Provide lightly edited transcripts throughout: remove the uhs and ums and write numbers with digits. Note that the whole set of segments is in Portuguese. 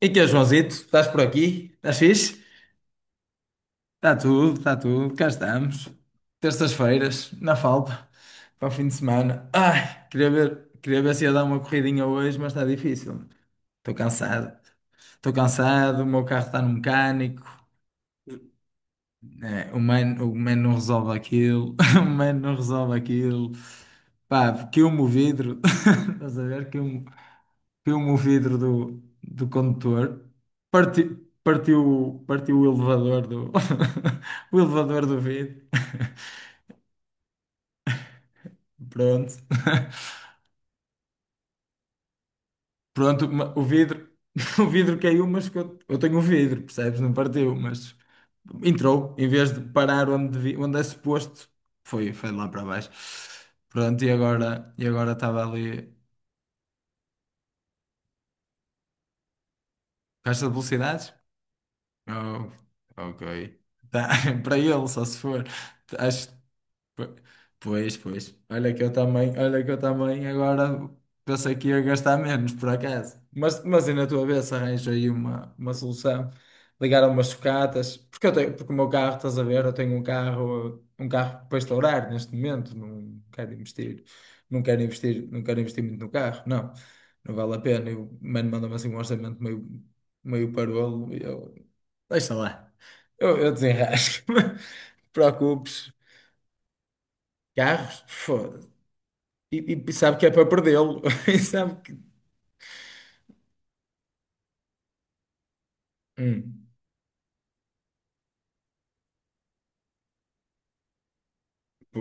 E que é, Joãozito? Estás por aqui? Estás fixe? Está tudo, cá estamos. Terças-feiras, na falta, para o fim de semana. Ai, queria ver se ia dar uma corridinha hoje, mas está difícil. Estou cansado. Estou cansado, o meu carro está no mecânico. É, o man não resolve aquilo. O man não resolve aquilo. Pá, queimou o vidro. Estás a ver? Piu-me o vidro do condutor, parti, partiu o elevador do, o elevador do vidro. Pronto. Pronto, o vidro, o vidro caiu, mas eu tenho o vidro, percebes? Não partiu, mas entrou, em vez de parar onde, onde é suposto, foi lá para baixo. Pronto, e agora estava ali, caixa de velocidades? Oh, ok. Tá, para ele, só se for. Acho. Po- pois. Olha que eu também agora pensei que ia gastar menos, por acaso. Mas e na tua vez arranjo aí uma solução. Ligar a umas sucatas, porque eu tenho, porque o meu carro, estás a ver, eu tenho um carro para estourar neste momento, não quero investir, não quero investir, não quero investir muito no carro, não, não vale a pena. E o mano manda-me assim um orçamento meio, meio parolo e eu, deixa lá, eu desenrasco, não te preocupes. Carros? Foda-se. E, e sabe que é para perdê-lo. E sabe que. Hum, pô,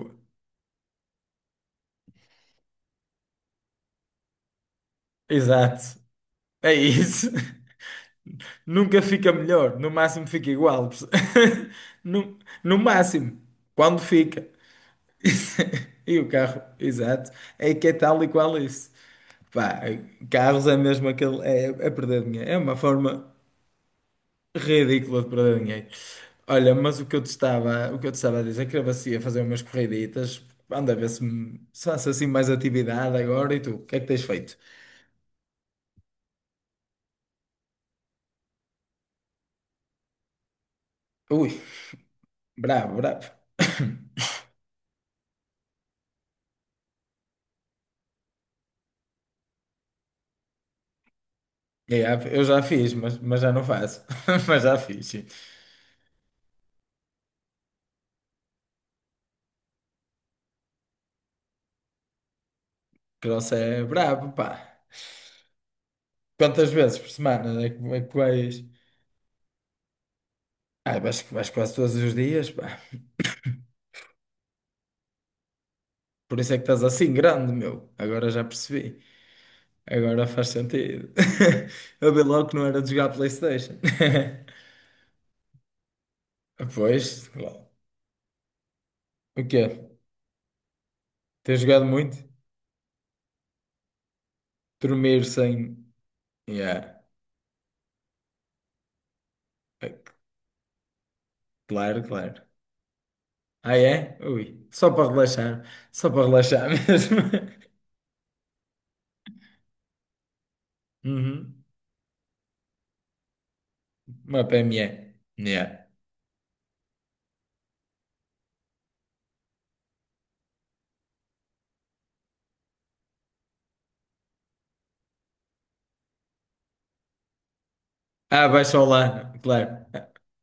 exato. É isso. Nunca fica melhor. No máximo fica igual. No, no máximo. Quando fica. E o carro? Exato. É que é tal e qual isso. Pá, carros é mesmo aquele. É, é perder dinheiro. É uma forma ridícula de perder dinheiro. Olha, mas o que eu te estava, o que eu te estava a dizer, é que eu ia fazer umas corriditas, anda a ver se, se faço assim mais atividade agora e tu, o que é que tens feito? Ui, bravo, bravo. Yeah, eu já fiz, mas já não faço. Mas já fiz, sim. Cross é brabo, pá. Quantas vezes por semana é que vais? Ah, vais, vais quase todos os dias, pá. Por isso é que estás assim grande, meu. Agora já percebi. Agora faz sentido. Eu vi logo que não era de jogar PlayStation. Pois, claro. O quê? Tens jogado muito? Dormir sem. Yeah. É, claro, claro. Ah, é? Ui. Só para relaxar. Só para relaxar mesmo. Uhum. Uma PME. Yeah. Ah, baixa o claro.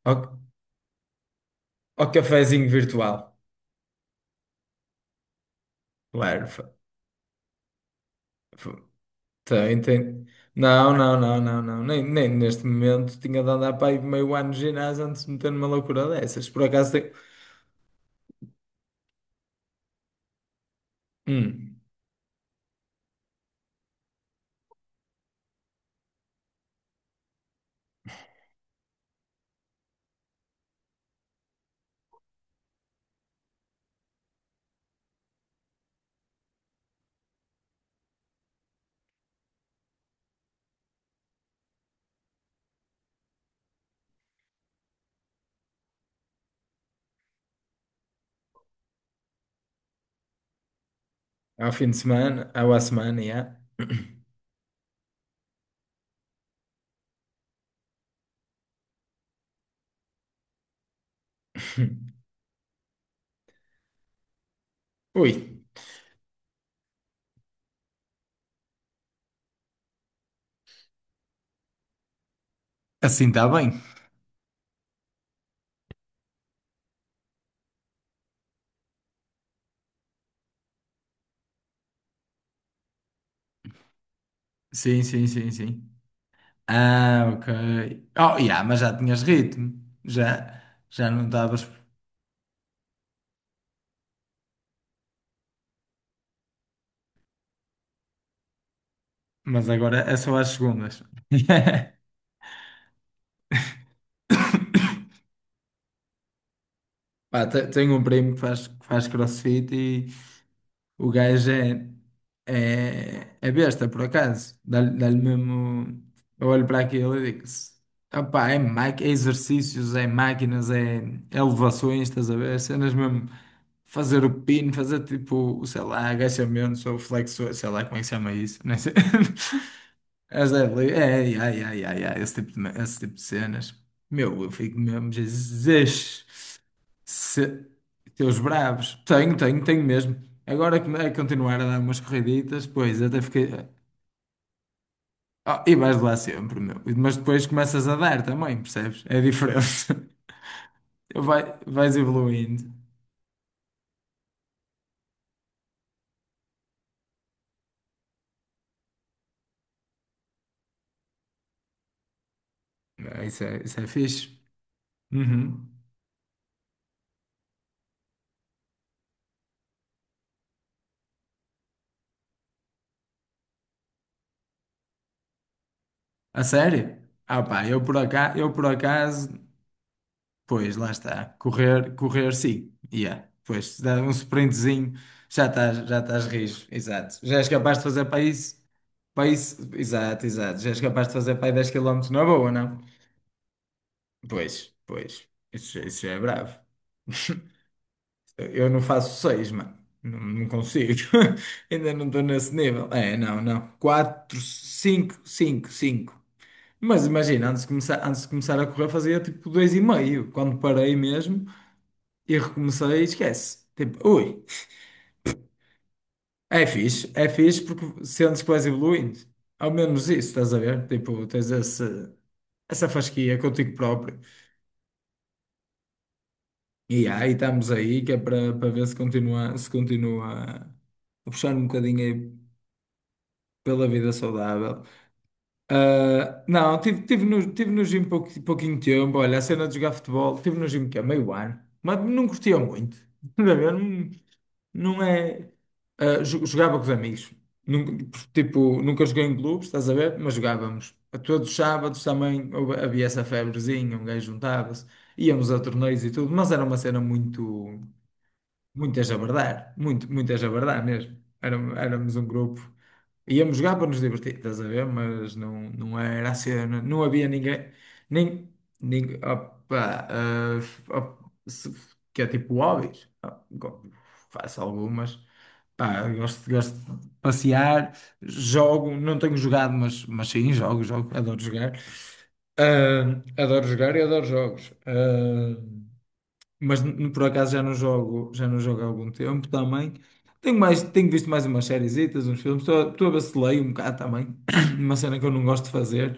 Ao, ao cafezinho virtual. Claro. Tem, tem. Não, não, não, não, não. Nem, nem neste momento tinha de andar para aí meio ano de ginásio antes de meter numa loucura dessas. Por acaso tem. Hum, ao fim de semana, ao à semana, já. Ui, assim está bem. Sim, sim, sim, sim. Ah, ok. Oh, yeah, mas já tinhas ritmo. Já, já não estavas. Mas agora é só às segundas. Pá, tenho um primo que faz crossfit. O gajo é, é, é besta, por acaso. Dá-lhe dá-lhe mesmo. Eu olho para aquilo e digo: opá, é, é exercícios, é máquinas, é é elevações, estás a ver? É cenas mesmo. Fazer o pino, fazer tipo, sei lá, agachamentos ou flexões, sei lá como é que se chama isso, nem sei. As deadlift, é, é, é, é, é, é, é, esse tipo de cenas. Meu, eu fico mesmo, Jesus. Se... Teus bravos. Tenho, tenho, tenho mesmo. Agora que é continuar a dar umas corriditas, pois até fiquei. Ah, e vais lá sempre, meu. Mas depois começas a dar também, percebes? É diferente. Vai, vais evoluindo. Ah, isso é, isso é fixe. Uhum. A sério? Ah, pá, eu por acaso, pois lá está. Correr, correr sim. Yeah. Pois, dá um sprintzinho, já estás rijo. Exato. Já és capaz de fazer para isso. Para isso, exato, exato. Já és capaz de fazer para aí 10 km na boa, não? Pois, pois. Isso, isso já é bravo. Eu não faço seis, mano. Não, não consigo. Ainda não estou nesse nível. É, não, não. Quatro, cinco, cinco, cinco. Mas imagina, antes de começar a correr, fazia tipo dois e meio. Quando parei mesmo e recomecei, esquece. Tipo, ui. É fixe porque sentes que vais evoluindo. Ao menos isso, estás a ver? Tipo, essa fasquia contigo próprio. E yeah, aí estamos aí, que é para para ver se continua, se continua a puxar um bocadinho aí pela vida saudável. Ah, não, tive, tive no gym pouco, pouquinho tempo. Olha, a cena de jogar futebol, tive no gym que é meio ano, mas não curtia muito. Estás a ver? Não, não é. Ah, jogava com os amigos. Nunca- tipo, nunca joguei em clubes, estás a ver? Mas jogávamos. A todos os sábados também havia essa febrezinha, um gajo juntava-se, íamos a torneios e tudo, mas era uma cena muito. Muitas a verdade, muitas a verdade mesmo. Éramos um grupo. Íamos jogar para nos divertir, estás a ver? Mas não, não era a cena, não havia ninguém, nem, nem opa, ah, op- se- que é tipo hobbies. Ah, faço algumas, pá, gosto de passear, jogo, não tenho jogado, mas sim, jogo, jogo, adoro jogar. Ah, adoro jogar e adoro jogos. Ah, mas por acaso já não jogo há algum tempo também. Tenho mais, tenho visto mais umas sériezitas, uns filmes, estou a vacilei um bocado também, uma cena que eu não gosto de fazer,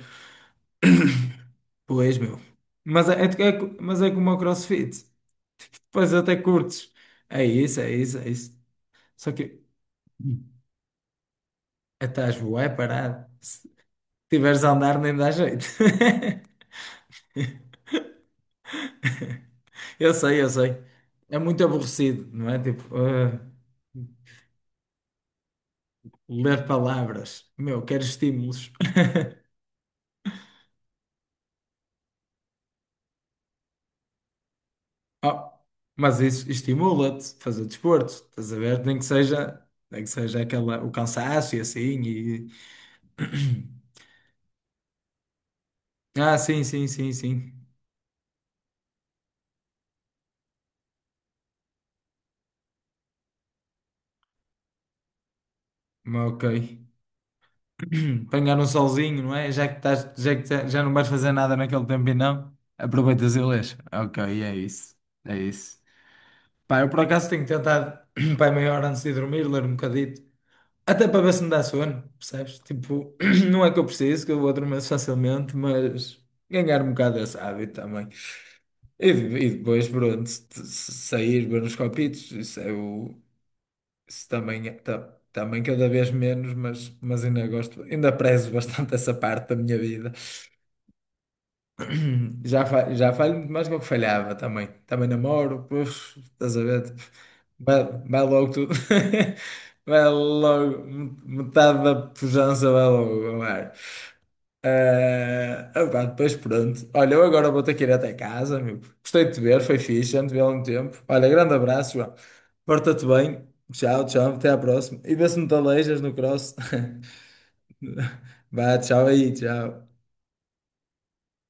pois meu. Mas é, é, mas é como o CrossFit, pois até curtes. É isso, é isso, é isso. Só que estás bué parado. Se tiveres a andar nem dá jeito. Eu sei, eu sei. É muito aborrecido, não é? Tipo, ah, ler palavras. Meu, quero estímulos. Ah, mas isso estimula-te a fazer desporto, estás a ver? Nem que seja, nem que seja aquela, o cansaço e assim. E... Ah, sim, sim, sim, sim. Mas ok. Apanhar um solzinho, não é? Já que estás, já que já não vais fazer nada naquele tempo e não, aproveitas e lês. Ok, é isso. É isso. Pá, eu por acaso tenho tentado, pá, 30 minutos antes de dormir, ler um bocadito. Até para ver se me dá sono, percebes? Tipo, não é que eu preciso, que eu vou dormir facilmente, mas ganhar um bocado desse hábito também. E, e depois, pronto, se sair, ver uns copitos, isso é o. Isso também, também cada vez menos, mas ainda gosto, ainda prezo bastante essa parte da minha vida. Já, já falho muito mais do que eu falhava também. Também namoro, pois, estás a ver? Tipo, vai, vai logo tudo. Vai logo, metade da pujança vai logo ao ar. Ah, opá, depois pronto. Olha, eu agora vou ter que ir até casa, meu. Gostei de te ver, foi fixe, já não te vi há algum tempo. Olha, grande abraço, João. Porta-te bem. Tchau, tchau, até à próxima. E vê se me te aleijas no cross. Vá, tchau aí, tchau.